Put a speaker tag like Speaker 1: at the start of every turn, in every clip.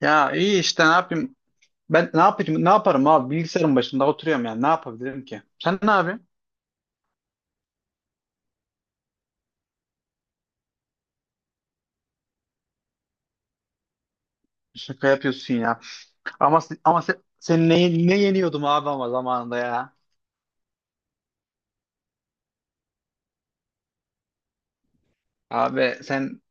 Speaker 1: Ya iyi işte ne yapayım? Ben ne yapayım? Ne yaparım abi? Bilgisayarın başında oturuyorum yani. Ne yapabilirim ki? Sen ne yapıyorsun? Şaka yapıyorsun ya. Ama sen ne yeniyordum abi ama zamanında ya. Abi sen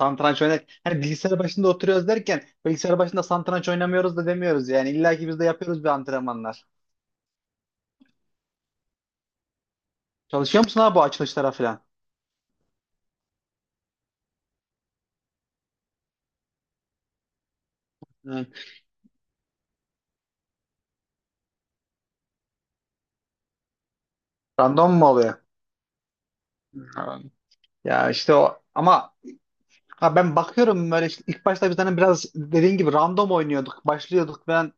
Speaker 1: satranç oynar. Hani bilgisayar başında oturuyoruz derken bilgisayar başında satranç oynamıyoruz da demiyoruz yani. İlla ki biz de yapıyoruz bir antrenmanlar. Çalışıyor musun abi bu açılışlara falan? Hı. Random mu oluyor? Hı. Ya işte o ama ha, ben bakıyorum böyle işte ilk başta biz hani biraz dediğin gibi random oynuyorduk, başlıyorduk ve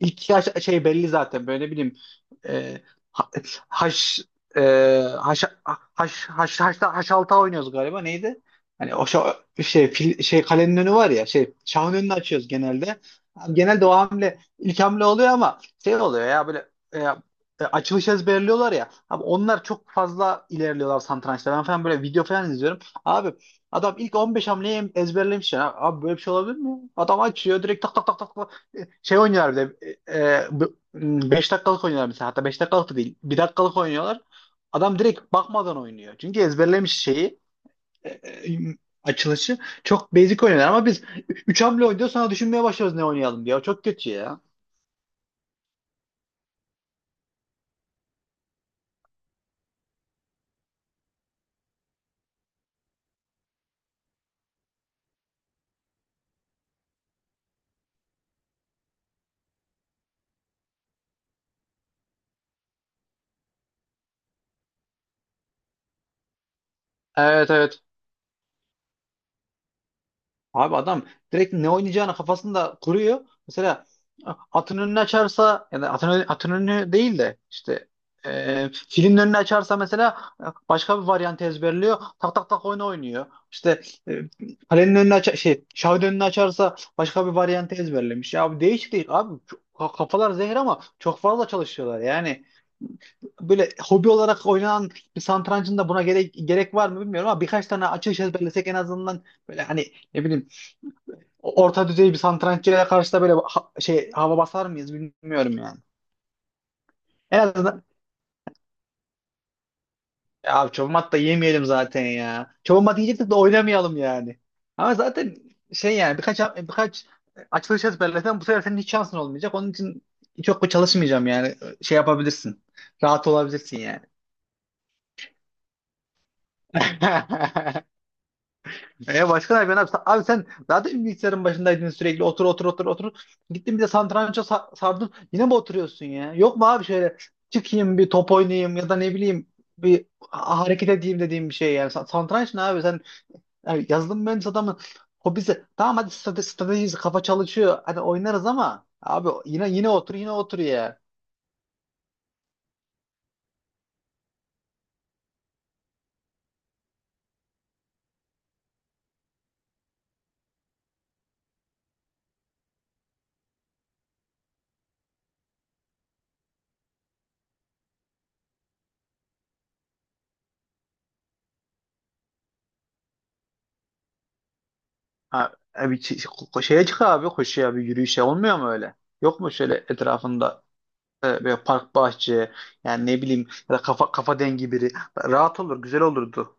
Speaker 1: İlk yaş şey belli zaten böyle ne bileyim e, ha- haş e, haş haş haş haşta haş alta oynuyoruz galiba neydi? Hani o şey fil, şey kalenin önü var ya şey şahın önünü açıyoruz genelde. Genelde o hamle ilk hamle oluyor ama şey oluyor ya böyle açılış ezberliyorlar ya. Abi onlar çok fazla ilerliyorlar satrançta. Ben falan böyle video falan izliyorum. Abi adam ilk 15 hamleyi ezberlemiş ya. Abi böyle bir şey olabilir mi? Adam açıyor direkt tak tak tak tak şey oynuyorlar bir de 5 dakikalık oynuyorlar mesela, hatta 5 dakikalık da değil bir dakikalık oynuyorlar. Adam direkt bakmadan oynuyor. Çünkü ezberlemiş şeyi e, e, açılışı. Çok basic oynuyorlar ama biz 3 hamle oynuyor sonra düşünmeye başlıyoruz ne oynayalım diye. O çok kötü ya. Evet, evet. Abi adam direkt ne oynayacağını kafasında kuruyor. Mesela atın önünü açarsa, yani atın, atın önünü değil de işte filin önünü açarsa mesela başka bir varyant ezberliyor. Tak tak tak oyunu oynuyor. İşte e, kalenin önünü aç, şey şahın önünü açarsa başka bir varyant ezberlemiş. Ya bu değişik değil abi. Kafalar zehir ama çok fazla çalışıyorlar. Yani böyle hobi olarak oynanan bir satrancın da buna gerek, gerek var mı bilmiyorum ama birkaç tane açılış ezberlesek en azından böyle hani ne bileyim orta düzey bir santraçıya karşı da böyle şey hava basar mıyız bilmiyorum yani. En azından ya abi çoban da yemeyelim zaten ya. Çoban mat yiyecektik de oynamayalım yani. Ama zaten şey yani birkaç açılış ezberlesen bu sefer senin hiç şansın olmayacak. Onun için çok çalışmayacağım yani. Şey yapabilirsin. Rahat olabilirsin yani. E, başka ne yapıyorsun abi? Abi sen zaten bilgisayarın başındaydın sürekli otur otur otur otur. Gittin bir de satranca sardın. Yine mi oturuyorsun ya? Yok mu abi şöyle çıkayım bir top oynayayım, ya da ne bileyim bir hareket edeyim dediğim bir şey yani. Satranç ne abi, sen yani yazılım mühendisi adamın hobisi. Tamam, hadi strateji, kafa çalışıyor. Hadi oynarız ama abi yine yine otur, yine otur ya. Ha, abi şeye çık abi, koşuya, bir yürüyüşe olmuyor mu öyle? Yok mu şöyle etrafında böyle park bahçe, yani ne bileyim, ya da kafa dengi biri, rahat olur, güzel olurdu.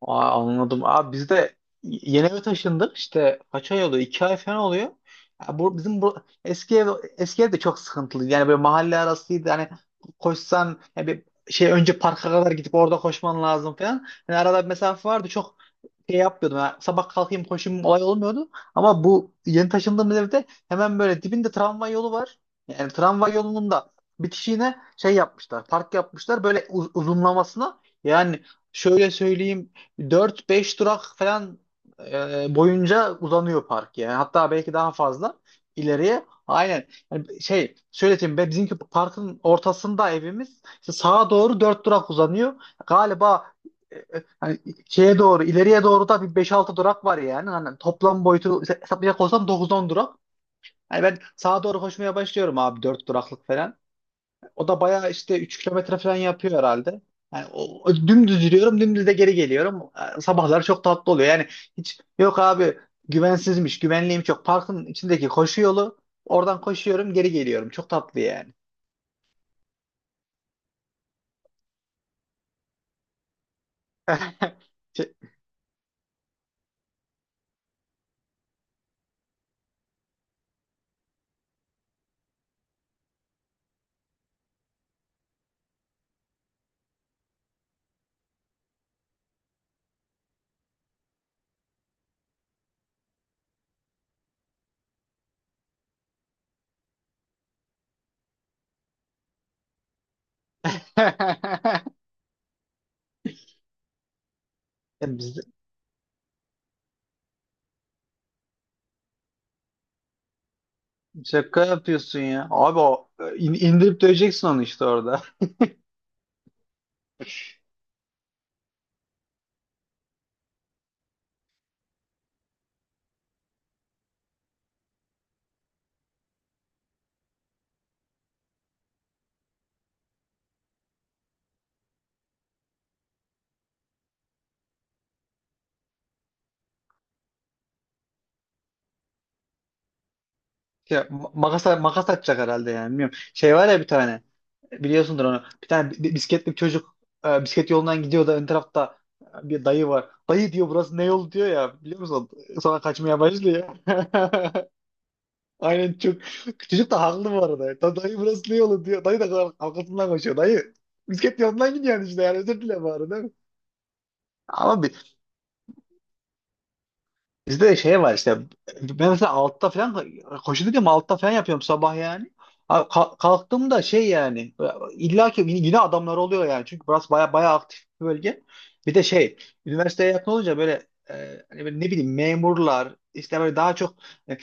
Speaker 1: Aa, anladım. Abi biz de yeni eve taşındık, işte kaç ay oluyor? 2 ay falan oluyor. Ya bu, bizim bu eski ev eski ev de çok sıkıntılıydı. Yani böyle mahalle arasıydı. Hani koşsan yani bir şey, önce parka kadar gidip orada koşman lazım falan. Yani arada bir mesafe vardı. Çok şey yapmıyordum, ha, sabah kalkayım koşayım olay olmuyordu. Ama bu yeni taşındığımız evde hemen böyle dibinde tramvay yolu var. Yani tramvay yolunun da bitişiğine şey yapmışlar, park yapmışlar böyle uzunlamasına. Yani şöyle söyleyeyim, dört beş durak falan boyunca uzanıyor park yani. Hatta belki daha fazla ileriye. Aynen. Yani şey söyleyeyim, be, bizimki parkın ortasında evimiz. İşte sağa doğru 4 durak uzanıyor. Galiba hani şeye doğru, ileriye doğru da bir beş-altı durak var yani. Hani toplam boyutu hesaplayacak olsam dokuz-on durak. Yani ben sağa doğru koşmaya başlıyorum abi, 4 duraklık falan. O da bayağı işte 3 kilometre falan yapıyor herhalde. Yani o dümdüz yürüyorum, dümdüz de geri geliyorum. Sabahlar çok tatlı oluyor. Yani hiç yok abi, güvensizmiş, güvenliğim çok. Parkın içindeki koşu yolu, oradan koşuyorum, geri geliyorum. Çok tatlı yani. Şey- Şaka yapıyorsun ya. Abi o indirip döveceksin onu işte orada. Ya, makas, makas atacak herhalde yani, bilmiyorum. Şey var ya bir tane, biliyorsundur onu. Bir tane bisikletli bir çocuk bisiklet yolundan gidiyor da ön tarafta bir dayı var. Dayı diyor burası ne yol diyor ya, biliyor musun? Sonra kaçmaya başlıyor. Aynen, çok. Çocuk da haklı bu arada. Dayı burası ne yolu diyor. Dayı da arkasından koşuyor. Dayı bisiklet yolundan gidiyor yani, işte yani özür dile bari, değil mi? Ama bizde de şey var işte. Ben mesela altta falan, koşu dedim altta falan yapıyorum sabah yani. Abi kalktığımda şey yani, illa ki yine yine adamlar oluyor yani, çünkü burası baya baya aktif bir bölge. Bir de şey, üniversiteye yakın olunca böyle, hani böyle ne bileyim memurlar işte böyle daha çok e,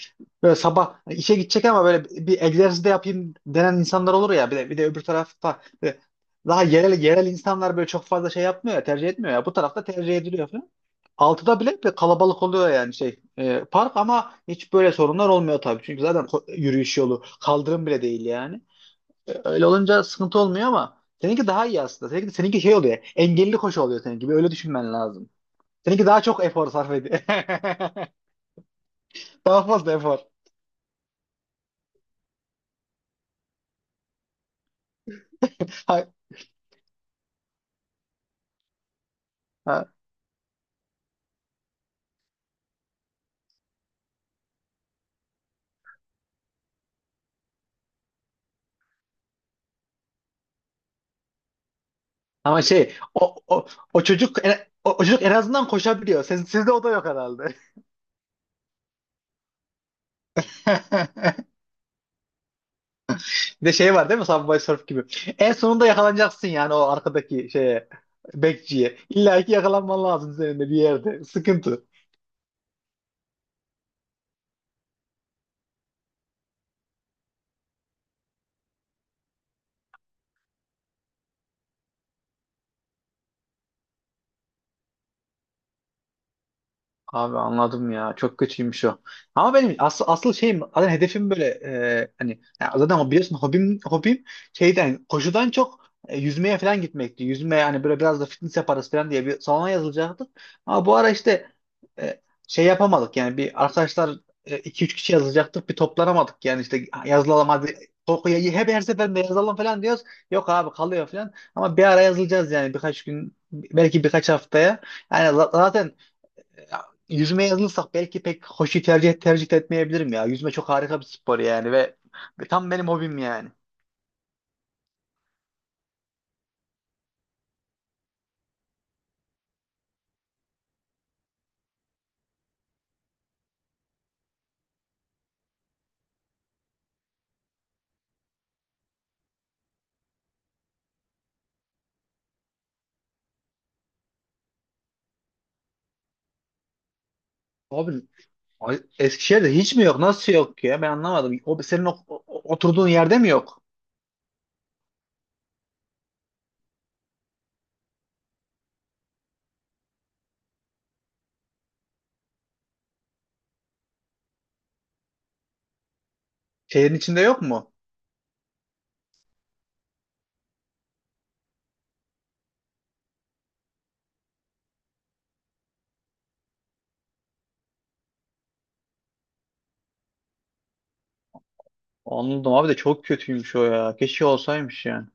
Speaker 1: böyle sabah işe gidecek ama böyle bir egzersiz de yapayım denen insanlar olur ya, bir de öbür tarafta böyle daha yerel yerel insanlar böyle çok fazla şey yapmıyor ya, tercih etmiyor ya, bu tarafta tercih ediliyor falan. Altıda bile bir kalabalık oluyor yani şey park, ama hiç böyle sorunlar olmuyor tabii. Çünkü zaten yürüyüş yolu kaldırım bile değil yani. E, öyle olunca sıkıntı olmuyor ama seninki daha iyi aslında. Seninki şey oluyor, engelli koşu oluyor seninki. Bir öyle düşünmen lazım. Seninki daha çok efor sarf ediyor. Daha fazla efor. Ha- ha. Ama şey o çocuk en, o çocuk en azından koşabiliyor. Sizde o da yok herhalde. Bir de şey var değil mi? Subway Surf gibi. En sonunda yakalanacaksın yani o arkadaki şeye. Bekçiye. İlla ki yakalanman lazım senin de bir yerde. Sıkıntı. Abi anladım ya. Çok kötüymüş o. Ama benim asıl asıl şeyim, zaten hedefim böyle hani ya zaten o biliyorsun, hobim, hobim şeyden, koşudan çok yüzmeye falan gitmekti. Yüzmeye hani böyle biraz da fitness yaparız falan diye bir salona yazılacaktık. Ama bu ara işte e, şey yapamadık yani, bir arkadaşlar iki üç kişi yazılacaktık, bir toplanamadık yani, işte yazılalım hadi, korkuya hep her seferinde yazalım falan diyoruz. Yok abi, kalıyor falan. Ama bir ara yazılacağız yani, birkaç gün belki, birkaç haftaya. Yani zaten ya, yüzmeye yazılırsak belki pek hoşu tercih etmeyebilirim ya. Yüzme çok harika bir spor yani ve tam benim hobim yani. Abi Eskişehir'de hiç mi yok? Nasıl yok ya? Ben anlamadım. O, senin oturduğun yerde mi yok? Şehrin içinde yok mu? Anladım abi, de çok kötüymüş o ya. Keşke olsaymış yani.